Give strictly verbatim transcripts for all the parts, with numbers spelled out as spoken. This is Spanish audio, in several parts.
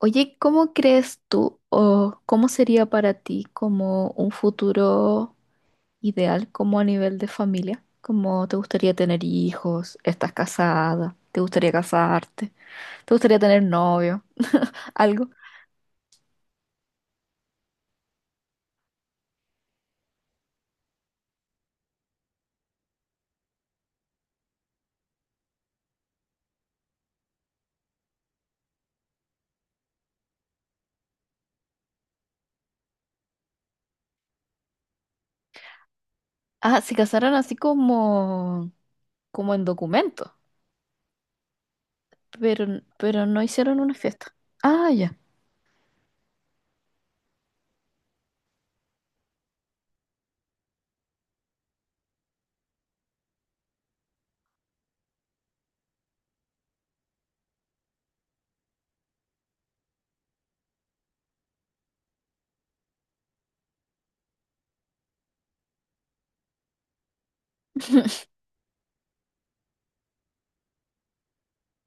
Oye, ¿cómo crees tú o cómo sería para ti como un futuro ideal, como a nivel de familia? ¿Cómo te gustaría tener hijos? ¿Estás casada? ¿Te gustaría casarte? ¿Te gustaría tener novio? Algo. Ah, se casaron así como, como en documento, pero, pero no hicieron una fiesta. Ah, ya.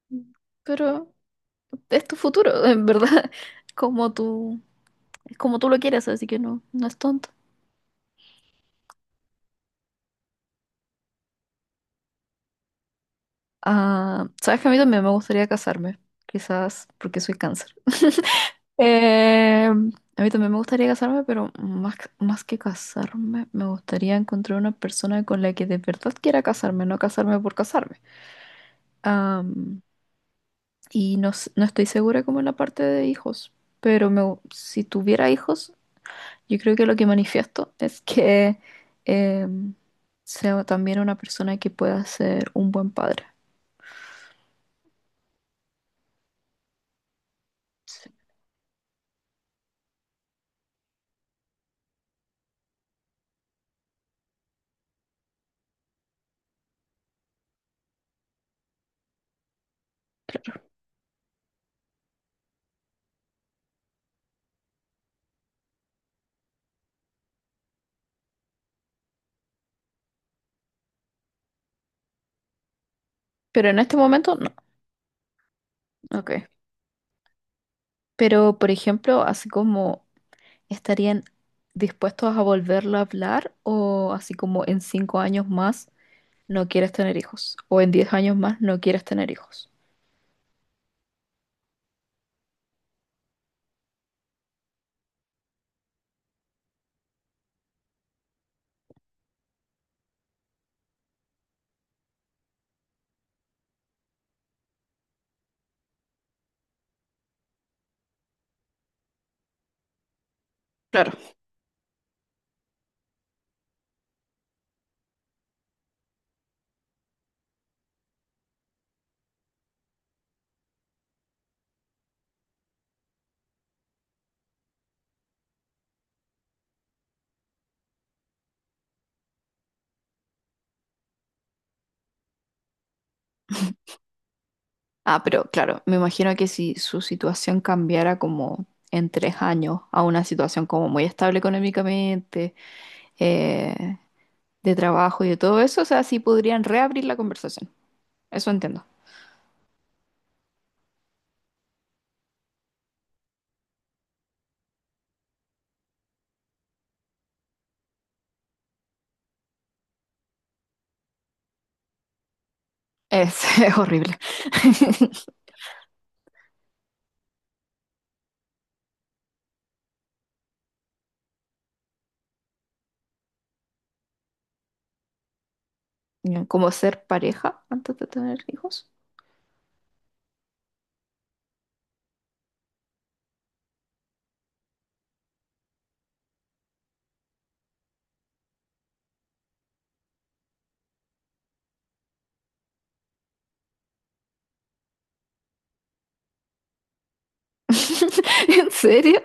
Mm. Pero es tu futuro, en verdad, como tú, es como tú lo quieres, así que no, no es tonto. Ah, sabes que a mí también me gustaría casarme, quizás porque soy cáncer. Eh, a mí también me gustaría casarme, pero más, más que casarme, me gustaría encontrar una persona con la que de verdad quiera casarme, no casarme por casarme. Am, y no, s- no estoy segura como en la parte de hijos, pero me gu- si tuviera hijos, yo creo que lo que manifiesto es que em, sea también una persona que pueda ser un buen padre. Sí. Pero en este momento no. Ok. Pero, por ejemplo, así como estarían dispuestos a volverlo a hablar o así como en cinco años más no quieres tener hijos o en diez años más no quieres tener hijos. Claro. Ah, pero claro, me imagino que si su situación cambiara como en tres años a una situación como muy estable económicamente, eh, de trabajo y de todo eso, o sea, sí podrían reabrir la conversación. Eso entiendo. Es, es horrible. Como ser pareja antes de tener hijos. ¿En serio?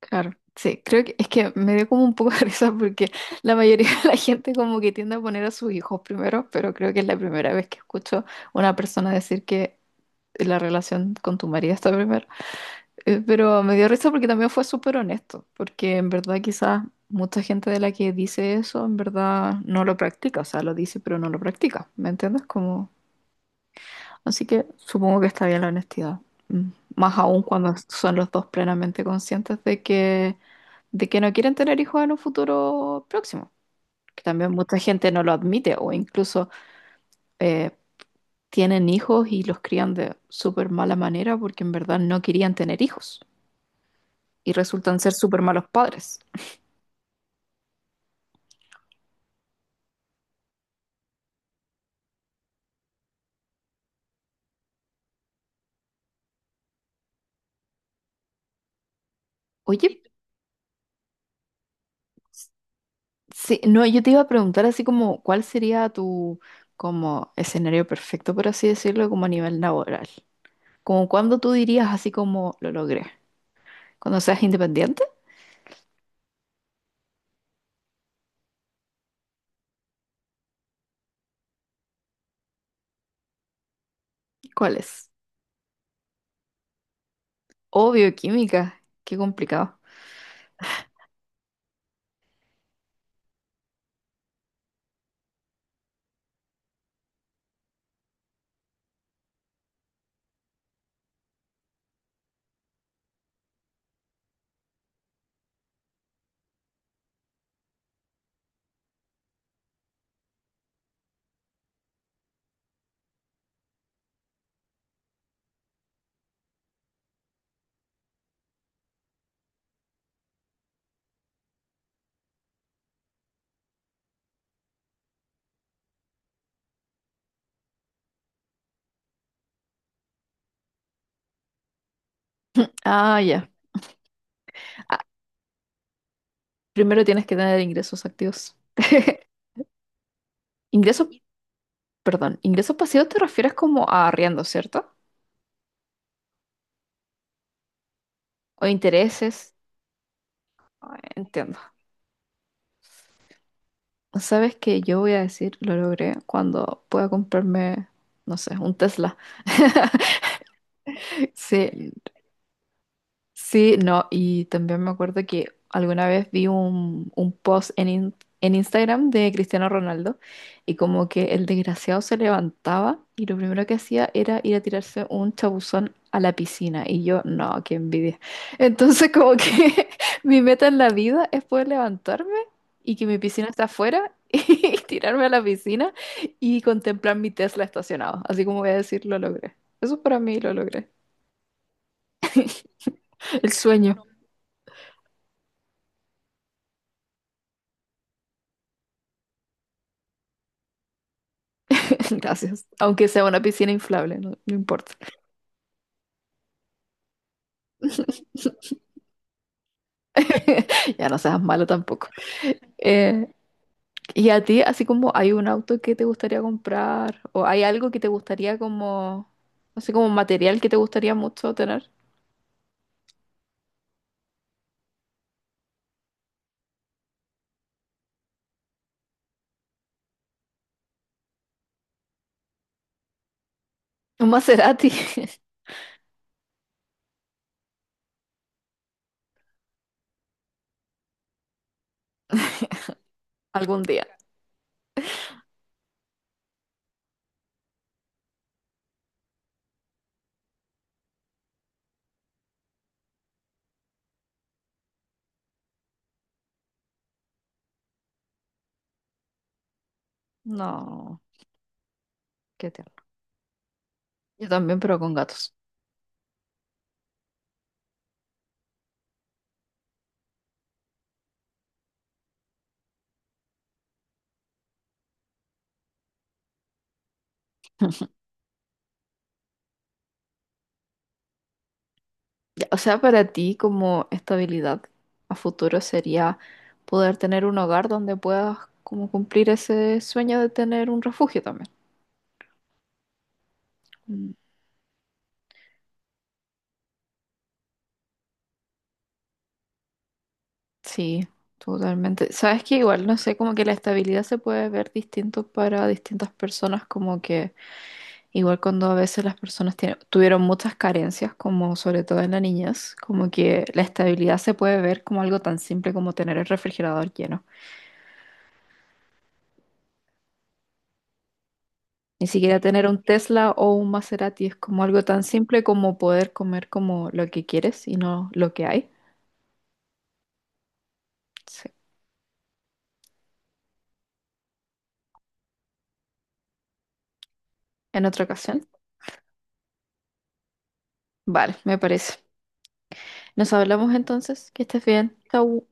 Claro, sí, creo que es que me dio como un poco de risa porque la mayoría de la gente como que tiende a poner a sus hijos primero, pero creo que es la primera vez que escucho una persona decir que la relación con tu marido está primero. Eh, Pero me dio risa porque también fue súper honesto, porque en verdad quizás mucha gente de la que dice eso en verdad no lo practica, o sea, lo dice pero no lo practica, ¿me entiendes? Como. Así que supongo que está bien la honestidad. Mm. Más aún cuando son los dos plenamente conscientes de que, de que no quieren tener hijos en un futuro próximo. Que también mucha gente no lo admite o incluso eh, tienen hijos y los crían de súper mala manera porque en verdad no querían tener hijos y resultan ser súper malos padres. Oye, sí, no, yo te iba a preguntar así como, ¿cuál sería tu como escenario perfecto, por así decirlo, como a nivel laboral? Como cuando tú dirías así como lo logré. Cuando seas independiente, ¿cuál es? Oh, bioquímica. Qué complicado. Ah, ya. Ah, primero tienes que tener ingresos activos. Ingresos, perdón, ingresos pasivos te refieres como a arriendo, ¿cierto? O intereses. Ah, entiendo. ¿Sabes que yo voy a decir, lo logré cuando pueda comprarme, no sé, un Tesla? Sí. Sí, no, y también me acuerdo que alguna vez vi un, un post en, in- en Instagram de Cristiano Ronaldo y como que el desgraciado se levantaba y lo primero que hacía era ir a tirarse un chabuzón a la piscina y yo, no, qué envidia. Entonces como que mi meta en la vida es poder levantarme y que mi piscina está afuera y tirarme a la piscina y contemplar mi Tesla estacionado. Así como voy a decir, lo logré. Eso para mí lo logré. El sueño. Gracias. Aunque sea una piscina inflable, no, no importa. Ya no seas malo tampoco. Eh, ¿Y a ti, así como hay un auto que te gustaría comprar o hay algo que te gustaría como, no sé, como material que te gustaría mucho tener? Un Maserati algún día. No, qué tierno. Yo también, pero con gatos. Ya, o sea, para ti como estabilidad a futuro sería poder tener un hogar donde puedas como cumplir ese sueño de tener un refugio también. Sí, totalmente. Sabes que igual, no sé, como que la estabilidad se puede ver distinto para distintas personas, como que igual cuando a veces las personas tiene- tuvieron muchas carencias, como sobre todo en la niñez, como que la estabilidad se puede ver como algo tan simple como tener el refrigerador lleno. Ni siquiera tener un Tesla o un Maserati es como algo tan simple como poder comer como lo que quieres y no lo que hay. Sí. En otra ocasión. Vale, me parece. Nos hablamos entonces. Que estés bien. Chau.